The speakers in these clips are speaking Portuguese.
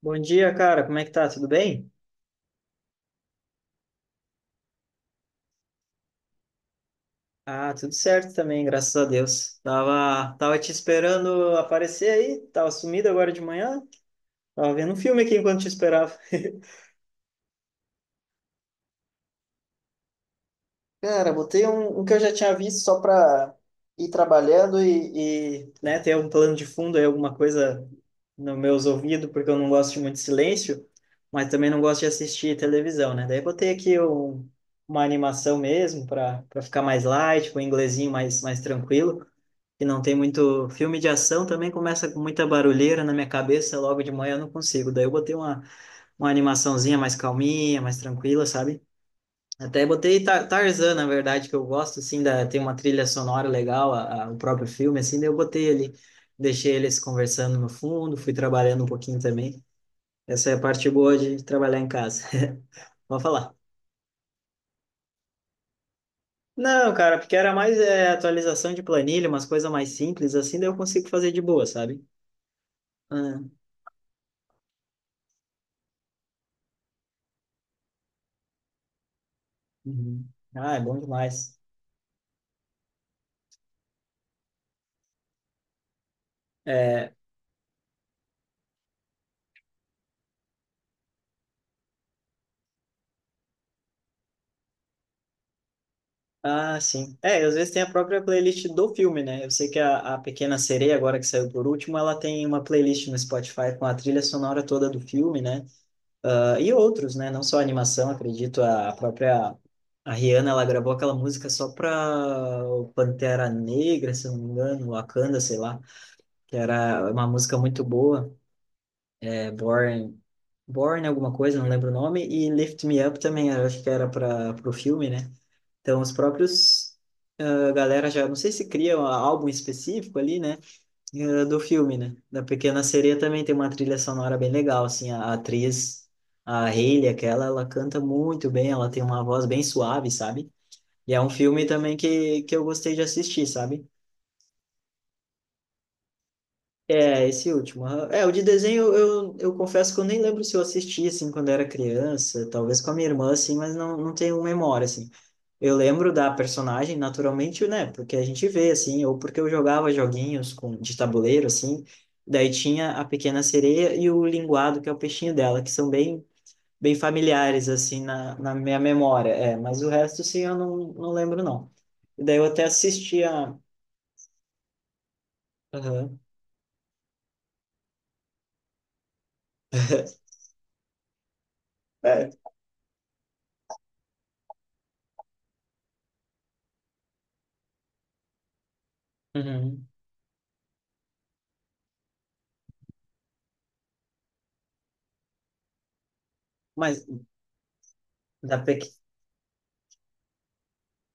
Bom dia, cara. Como é que tá? Tudo bem? Ah, tudo certo também, graças a Deus. Tava te esperando aparecer aí, tava sumido agora de manhã. Tava vendo um filme aqui enquanto te esperava. Cara, botei um que eu já tinha visto só para ir trabalhando e, né, ter um plano de fundo aí, alguma coisa nos meus ouvidos, porque eu não gosto de muito silêncio, mas também não gosto de assistir televisão, né? Daí botei aqui um, uma animação mesmo para ficar mais light, com um inglesinho mais tranquilo, que não tem muito filme de ação, também começa com muita barulheira na minha cabeça, logo de manhã eu não consigo. Daí eu botei uma animaçãozinha mais calminha, mais tranquila, sabe? Até botei Tarzan, na verdade, que eu gosto, assim, da, tem uma trilha sonora legal, o próprio filme, assim, daí eu botei ali, deixei eles conversando no fundo, fui trabalhando um pouquinho também. Essa é a parte boa de trabalhar em casa. Vou falar. Não, cara, porque era mais atualização de planilha, umas coisas mais simples, assim, daí eu consigo fazer de boa, sabe? Ah, uhum. Ah, é bom demais. Ah, sim. É, às vezes tem a própria playlist do filme, né? Eu sei que a Pequena Sereia, agora que saiu por último, ela tem uma playlist no Spotify com a trilha sonora toda do filme, né? Ah, e outros, né? Não só a animação, acredito, a, própria a Rihanna, ela gravou aquela música só pra o Pantera Negra, se eu não me engano, Wakanda, sei lá, que era uma música muito boa, é Born, Born alguma coisa, não lembro o nome, e Lift Me Up também, eu acho que era para o filme, né? Então, os próprios ah, galera já, não sei se cria um álbum específico ali, né, ah, do filme, né? Da Pequena Sereia também tem uma trilha sonora bem legal, assim, a atriz, a Hailey, aquela, ela canta muito bem, ela tem uma voz bem suave, sabe? E é um filme também que eu gostei de assistir, sabe? É, esse último. Ah, É, o de desenho, eu confesso que eu nem lembro se eu assisti, assim, quando era criança, talvez com a minha irmã, assim, mas não tenho memória, assim. Eu lembro da personagem naturalmente, né? Porque a gente vê, assim, ou porque eu jogava joguinhos com, de tabuleiro, assim, daí tinha a pequena sereia e o linguado, que é o peixinho dela, que são bem, bem familiares, assim, na minha memória. É, mas o resto, sim, eu não lembro, não. E daí eu até assistia. Aham. É, uhum. Mas da PEC,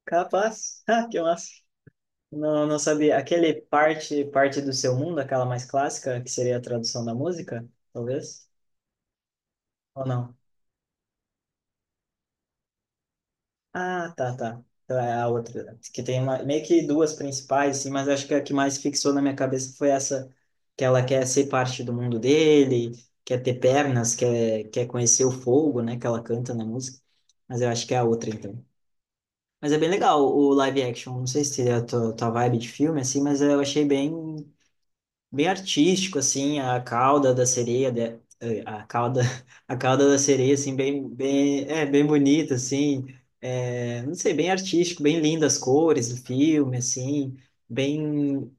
capaz. Ah, que massa. Não, não sabia. Aquele parte, parte do seu mundo, aquela mais clássica, que seria a tradução da música, talvez? Ou não? Ah, tá, tá. Então é a outra. Que tem uma, meio que duas principais, assim, mas acho que a que mais fixou na minha cabeça foi essa, que ela quer ser parte do mundo dele, quer ter pernas, quer conhecer o fogo, né, que ela canta na música. Mas eu acho que é a outra, então. Mas é bem legal o live action. Não sei se é a tua vibe de filme, assim, mas eu achei bem bem artístico assim a cauda da a cauda a cauda da sereia assim bem bem é bem bonita assim, é, não sei, bem artístico, bem lindas as cores do filme assim, bem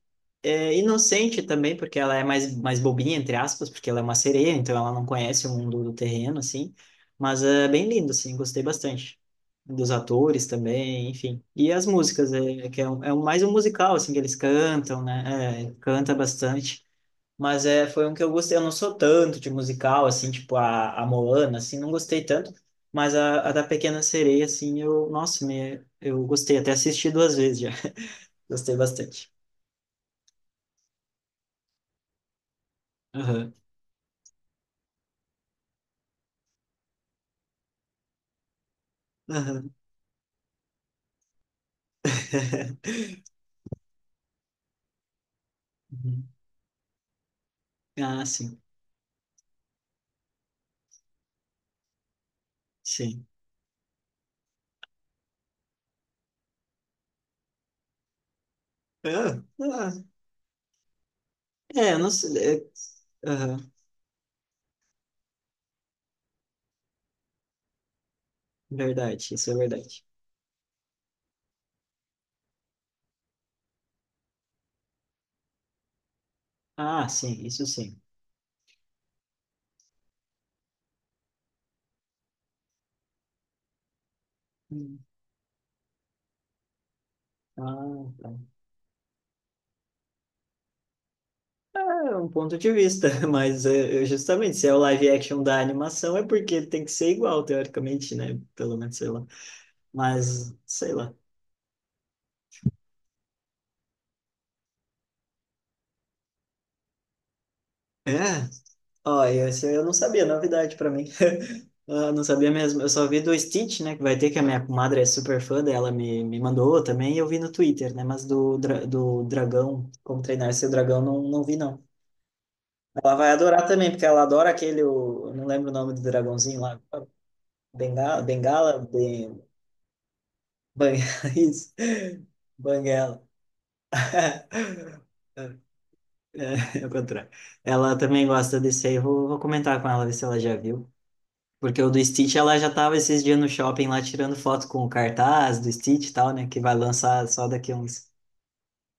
é, inocente também porque ela é mais bobinha entre aspas porque ela é uma sereia então ela não conhece o mundo do terreno assim, mas é bem lindo assim, gostei bastante dos atores também, enfim. E as músicas, é, é que mais um musical, assim, que eles cantam, né? É, canta bastante. Mas é, foi um que eu gostei. Eu não sou tanto de musical, assim, tipo a Moana, assim, não gostei tanto. Mas a da Pequena Sereia, assim, eu, nossa, me, eu gostei. Até assisti duas vezes já. Gostei bastante. Aham. Aham. Uhum. Ah, sim. Sim. Ah, ah. É, eu não sei. É, aham. Verdade, isso é verdade. Ah, sim, isso sim. Hum. Ah, tá. É um ponto de vista. Mas é, eu- justamente se é o live action da animação é porque ele tem que ser igual, teoricamente, né? Pelo menos, sei lá. Mas, sei lá. É, ó, esse eu não sabia, novidade pra mim. Eu não sabia mesmo, eu só vi do Stitch, né? Que vai ter, que a minha comadre é super fã dela, me mandou também, e eu vi no Twitter, né? Mas do Dragão, como treinar seu dragão, não vi, não. Ela vai adorar também, porque ela adora aquele, o- eu não lembro o nome do dragãozinho lá, Bengala, Bengala, Banguela, isso. Banguela. É o contrário. Ela também gosta desse aí. Vou comentar com ela, ver se ela já viu. Porque o do Stitch, ela já tava esses dias no shopping lá tirando foto com o cartaz do Stitch e tal, né? Que vai lançar só daqui uns.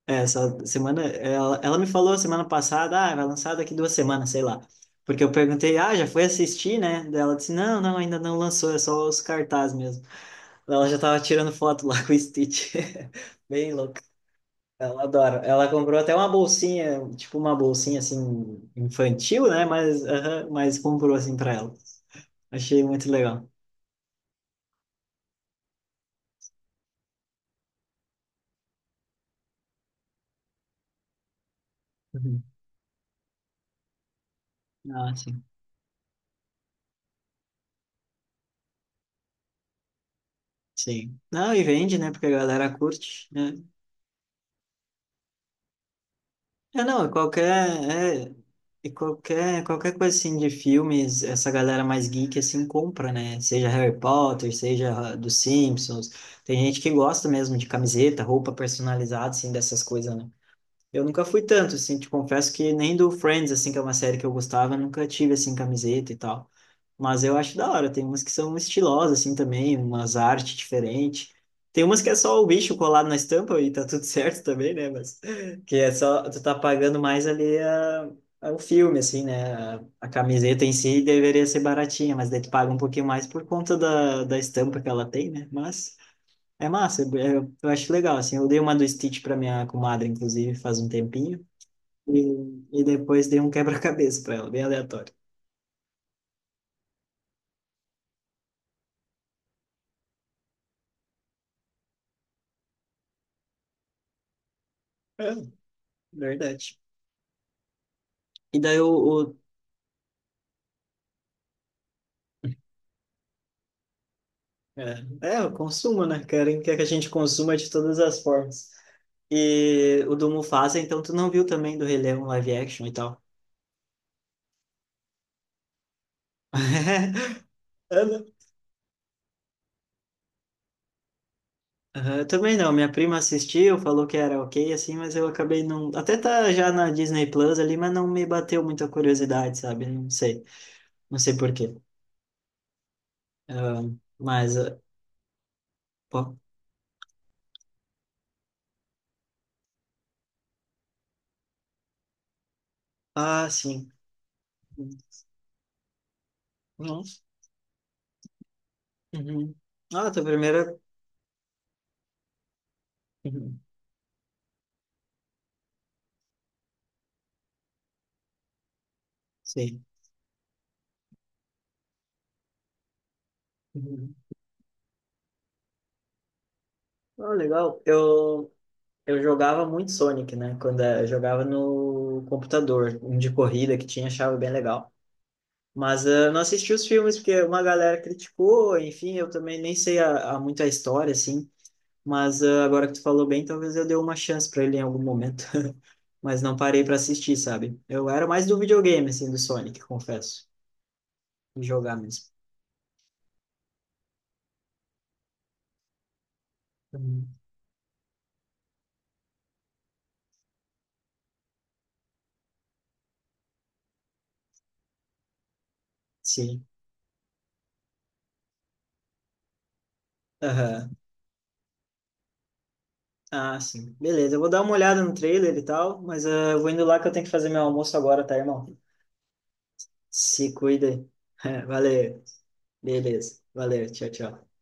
É, só semana. Ela me falou semana passada, ah, vai lançar daqui duas semanas, sei lá. Porque eu perguntei, ah, já foi assistir, né? Daí ela disse, não, ainda não lançou, é só os cartazes mesmo. Ela já tava tirando foto lá com o Stitch. Bem louco. Ela adora. Ela comprou até uma bolsinha, tipo uma bolsinha assim infantil, né? Mas, aham, mas comprou assim pra ela. Achei muito legal. Uhum. Ah, sim. Sim. Não, e vende, né? Porque a galera curte, né? É, não, qualquer, é, e qualquer, qualquer coisa assim de filmes, essa galera mais geek assim compra, né? Seja Harry Potter, seja dos Simpsons. Tem gente que gosta mesmo de camiseta, roupa personalizada, assim, dessas coisas, né? Eu nunca fui tanto, assim, te confesso que nem do Friends, assim, que é uma série que eu gostava, nunca tive, assim, camiseta e tal. Mas eu acho da hora, tem umas que são estilosas, assim, também, umas artes diferentes. Tem umas que é só o bicho colado na estampa e tá tudo certo também, né? Mas que é só, tu tá pagando mais ali o filme, assim, né? A camiseta em si deveria ser baratinha, mas daí tu paga um pouquinho mais por conta da estampa que ela tem, né? Mas... É massa, eu acho legal, assim. Eu dei uma do Stitch pra minha comadre, inclusive, faz um tempinho. E, e depois dei um quebra-cabeça pra ela, bem aleatório. É, verdade. E daí o é, é, o consumo, né? Querem que a gente consuma de todas as formas. E o do Mufasa, então, tu não viu também do Rei Leão live action e tal? É, né? Aham, eu também não, minha prima assistiu, falou que era ok, assim, mas eu acabei não. Até tá já na Disney Plus ali, mas não me bateu muita curiosidade, sabe? Não sei. Não sei por quê. Ah, mas, ah, pô, ah, sim. Não. Uhum. Ah, tua primeira. Uhum. Sim. Uhum. Ah, legal. Eu jogava muito Sonic, né? Quando eu jogava no computador, um de corrida que tinha, achava bem legal. Mas eu não assisti os filmes porque uma galera criticou, enfim, eu também nem sei a, muito a história, assim. Mas agora que tu falou bem, talvez eu dê uma chance para ele em algum momento. Mas não parei para assistir, sabe? Eu era mais do videogame, assim, do Sonic, confesso. De jogar mesmo. Uhum. Sim. Aham. Ah, sim. Beleza, eu vou dar uma olhada no trailer e tal, mas eu vou indo lá que eu tenho que fazer meu almoço agora, tá, irmão? Se cuida aí. Valeu. Beleza. Valeu. Tchau, tchau.